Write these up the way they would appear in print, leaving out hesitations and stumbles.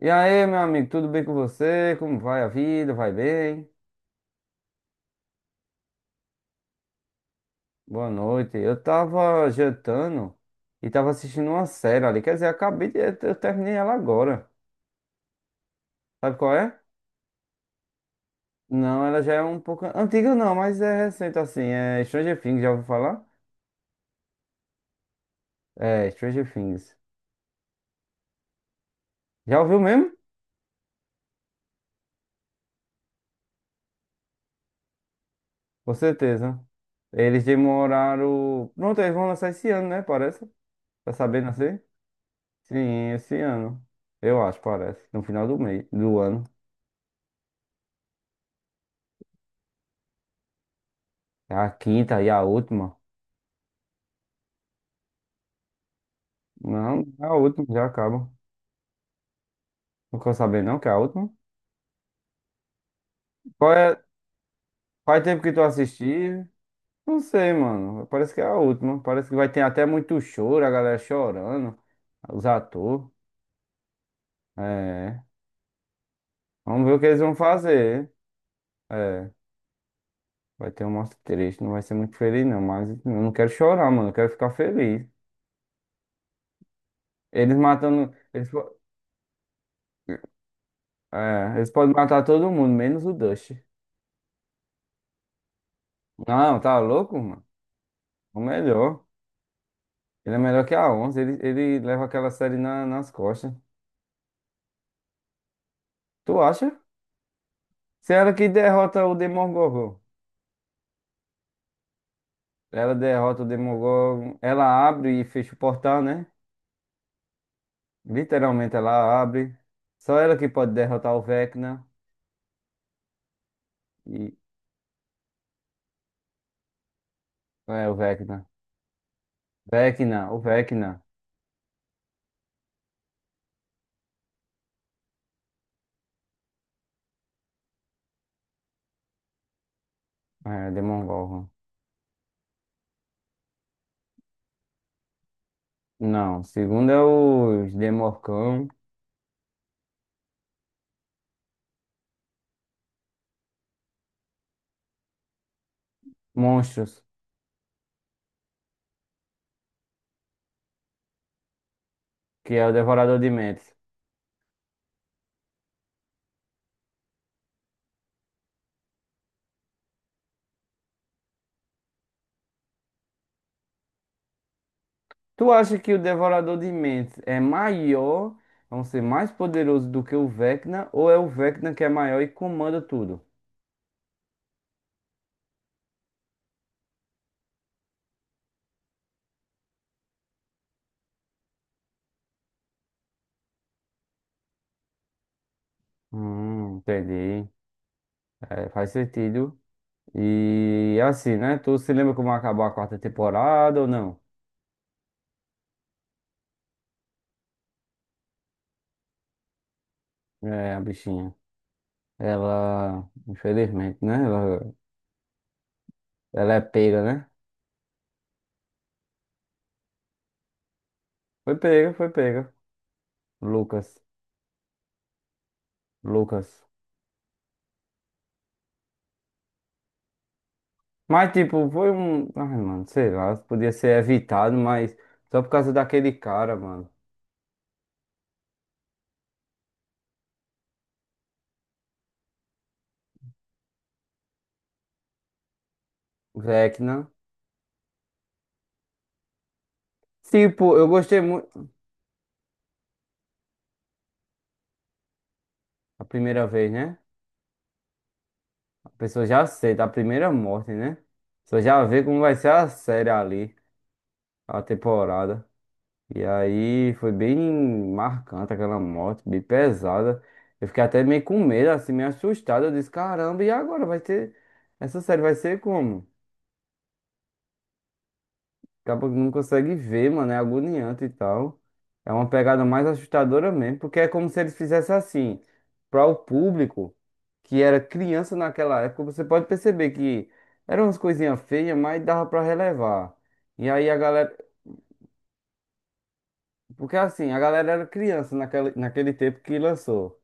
E aí, meu amigo, tudo bem com você? Como vai a vida? Vai bem? Boa noite. Eu tava jantando e tava assistindo uma série ali. Quer dizer, acabei de. Eu terminei ela agora. Sabe qual é? Não, ela já é um pouco antiga, não, mas é recente assim. É Stranger Things, já ouviu falar? É, Stranger Things. Já ouviu mesmo? Com certeza. Eles demoraram. Pronto, eles vão lançar esse ano, né? Parece. Tá sabendo assim? Sim, esse ano. Eu acho, parece. No final do mês, do ano. É a quinta e a última? Não, é a última já acaba. Não quero saber não que é a última. Qual é? Faz tempo que tu assistiu? Não sei, mano. Parece que é a última. Parece que vai ter até muito choro, a galera chorando. Os atores. É. Vamos ver o que eles vão fazer. É. Vai ter um mostra triste. Não vai ser muito feliz, não. Mas eu não quero chorar, mano. Eu quero ficar feliz. Eles matando. Eles podem matar todo mundo, menos o Dust. Não, tá louco, mano? É o melhor. Ele é melhor que a Onze. Ele leva aquela série nas costas. Tu acha? Se ela que derrota o Demogorgon. Ela derrota o Demogorgon. Ela abre e fecha o portal, né? Literalmente ela abre. Só ela que pode derrotar o Vecna. E... É, o Vecna. Vecna, o Vecna. É, Demogorgon. Não, segundo é os Demorcão. Monstros, que é o Devorador de Mentes. Tu acha que o Devorador de Mentes é maior, é um ser mais poderoso do que o Vecna, ou é o Vecna que é maior e comanda tudo? Entendi. É, faz sentido. E assim, né? Tu se lembra como acabou a quarta temporada ou não? É, a bichinha. Ela, infelizmente, né? Ela é pega, né? Foi pega, foi pega. Lucas, Lucas. Mas, tipo, foi um. Ai, mano, sei lá, podia ser evitado, mas só por causa daquele cara, mano. Vecna. Tipo, eu gostei muito. A primeira vez, né? A pessoa já aceita a primeira morte, né? A pessoa já vê como vai ser a série ali, a temporada. E aí foi bem marcante aquela morte, bem pesada. Eu fiquei até meio com medo, assim, meio assustado. Eu disse, caramba, e agora vai ter. Essa série vai ser como? Acaba que não consegue ver, mano, é agoniante e tal. É uma pegada mais assustadora mesmo, porque é como se eles fizessem assim, para o público que era criança naquela época, você pode perceber que eram umas coisinhas feias, mas dava para relevar. E aí a galera, porque assim, a galera era criança naquele tempo que lançou.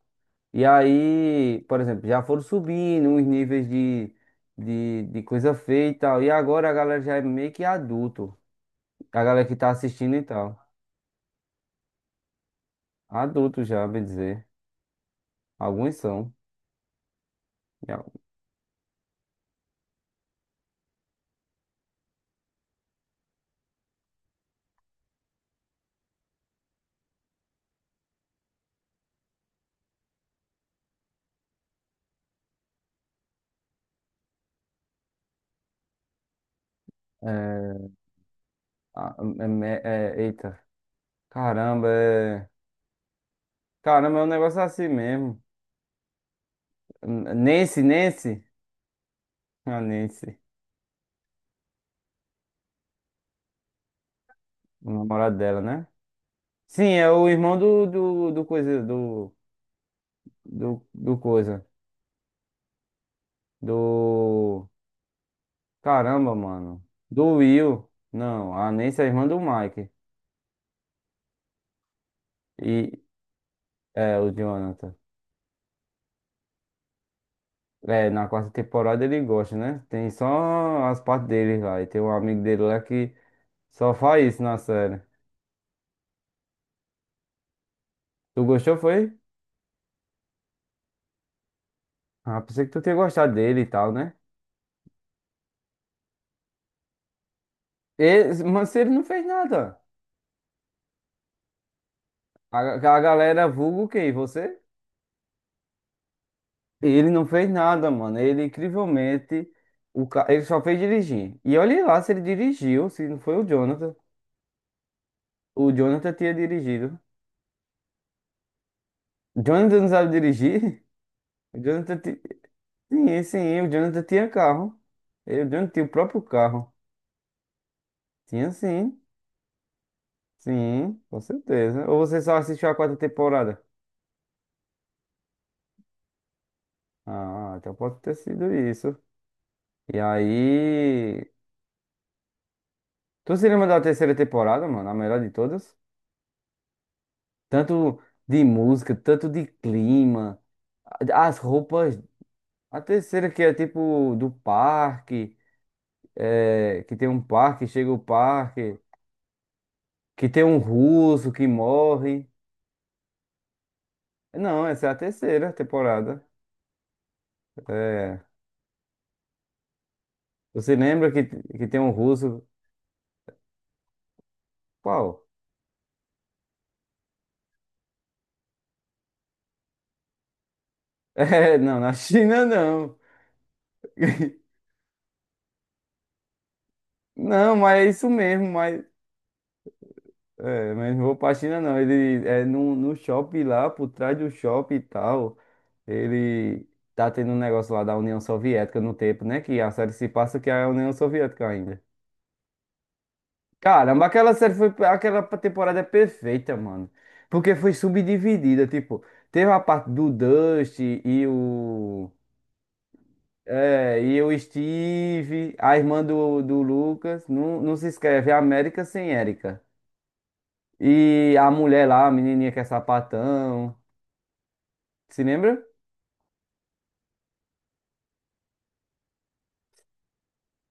E aí, por exemplo, já foram subindo os níveis de coisa feia e tal. E agora a galera já é meio que adulto, a galera que tá assistindo e tal. Adultos já, bem dizer. Alguns são. E al- É, a- é- eita, caramba, caramba, é um negócio assim mesmo. Nancy, Nancy? A Nancy, o namorado dela, né? Sim, é o irmão do coisa, do coisa, do, caramba, mano, do Will. Não, a Nancy é a irmã do Mike e, é, o Jonathan. É, na quarta temporada ele gosta, né? Tem só as partes dele lá. E tem um amigo dele lá que só faz isso na série. Tu gostou, foi? Ah, pensei que tu tinha gostado dele e tal, né? Mas ele não fez nada. A, a galera vulga o quê? Você? Ele não fez nada, mano. Ele, incrivelmente, ele só fez dirigir. E olha lá se ele dirigiu, se não foi o Jonathan. O Jonathan tinha dirigido. Jonathan não sabe dirigir? O Jonathan. Sim, sim, o Jonathan tinha carro. E o Jonathan tinha o próprio carro. Tinha sim, sim, com certeza. Ou você só assistiu a quarta temporada? Ah, então pode ter sido isso. E aí. Tu se lembra da terceira temporada, mano? A melhor de todas? Tanto de música, tanto de clima, as roupas. A terceira que é tipo do parque, que tem um parque, chega o parque, que tem um russo que morre. Não, essa é a terceira temporada. É. Você lembra que, tem um russo? Qual? É, não, na China não. Não, mas é isso mesmo, mas. É, mas não vou pra China não. Ele é no, no shopping lá, por trás do shopping e tal. Ele tá tendo um negócio lá da União Soviética no tempo, né? Que a série se passa que é a União Soviética ainda. Caramba, aquela série foi. Aquela temporada é perfeita, mano. Porque foi subdividida, tipo, teve a parte do Dust e o. É, e eu Steve, a irmã do Lucas, não, não se escreve é América sem Érica. E a mulher lá, a menininha que é sapatão, se lembra?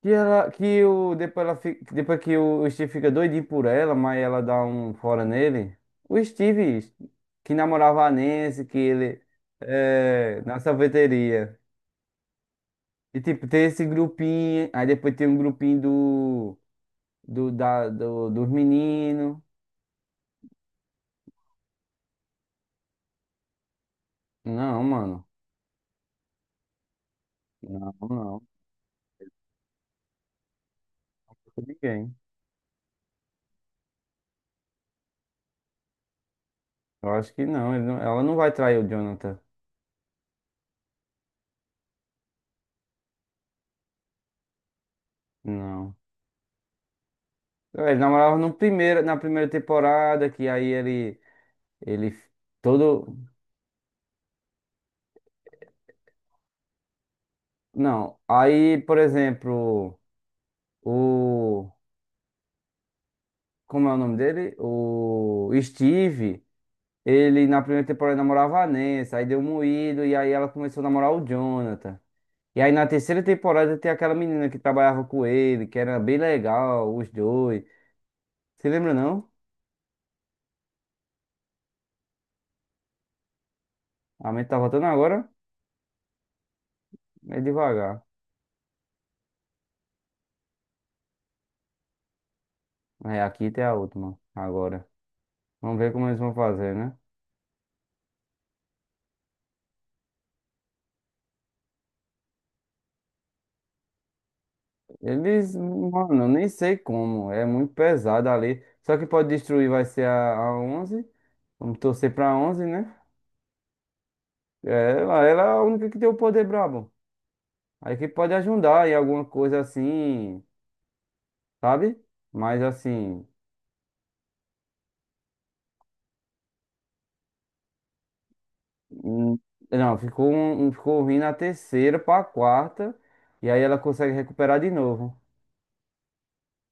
Que ela, que o, depois, ela, fi- depois que o Steve fica doidinho por ela, mas ela dá um fora nele. O Steve, que namorava a Nancy, na sorveteria. E tipo, tem esse grupinho, aí depois tem um grupinho dos meninos. Não, mano. Não, não, com ninguém. Eu acho que não, ele não- ela não vai trair o Jonathan. Não. É, ele namorava no primeiro, na primeira temporada, que aí ele todo. Não. Aí, por exemplo, o. Como é o nome dele? O Steve. Ele na primeira temporada namorava a Nancy, aí deu moído, e aí ela começou a namorar o Jonathan. E aí na terceira temporada tem aquela menina que trabalhava com ele, que era bem legal, os dois. Você lembra, não? A mente tá voltando agora? É devagar. É, aqui tem a última. Agora. Vamos ver como eles vão fazer, né? Eles, mano, eu nem sei como. É muito pesado ali. Só que pode destruir vai ser a Onze. Vamos torcer pra Onze, né? É, ela é a única que tem o poder brabo. Aí que pode ajudar em alguma coisa assim, sabe? Mas assim. hum, Não, ficou ruim na terceira pra quarta. E aí ela consegue recuperar de novo.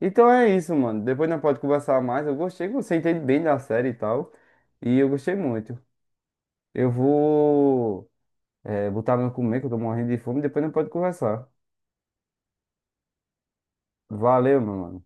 Então é isso, mano. Depois nós pode conversar mais. Eu gostei, você entende bem da série e tal. E eu gostei muito. Eu vou, botar meu comer, que eu tô morrendo de fome. Depois nós pode conversar. Valeu, meu mano.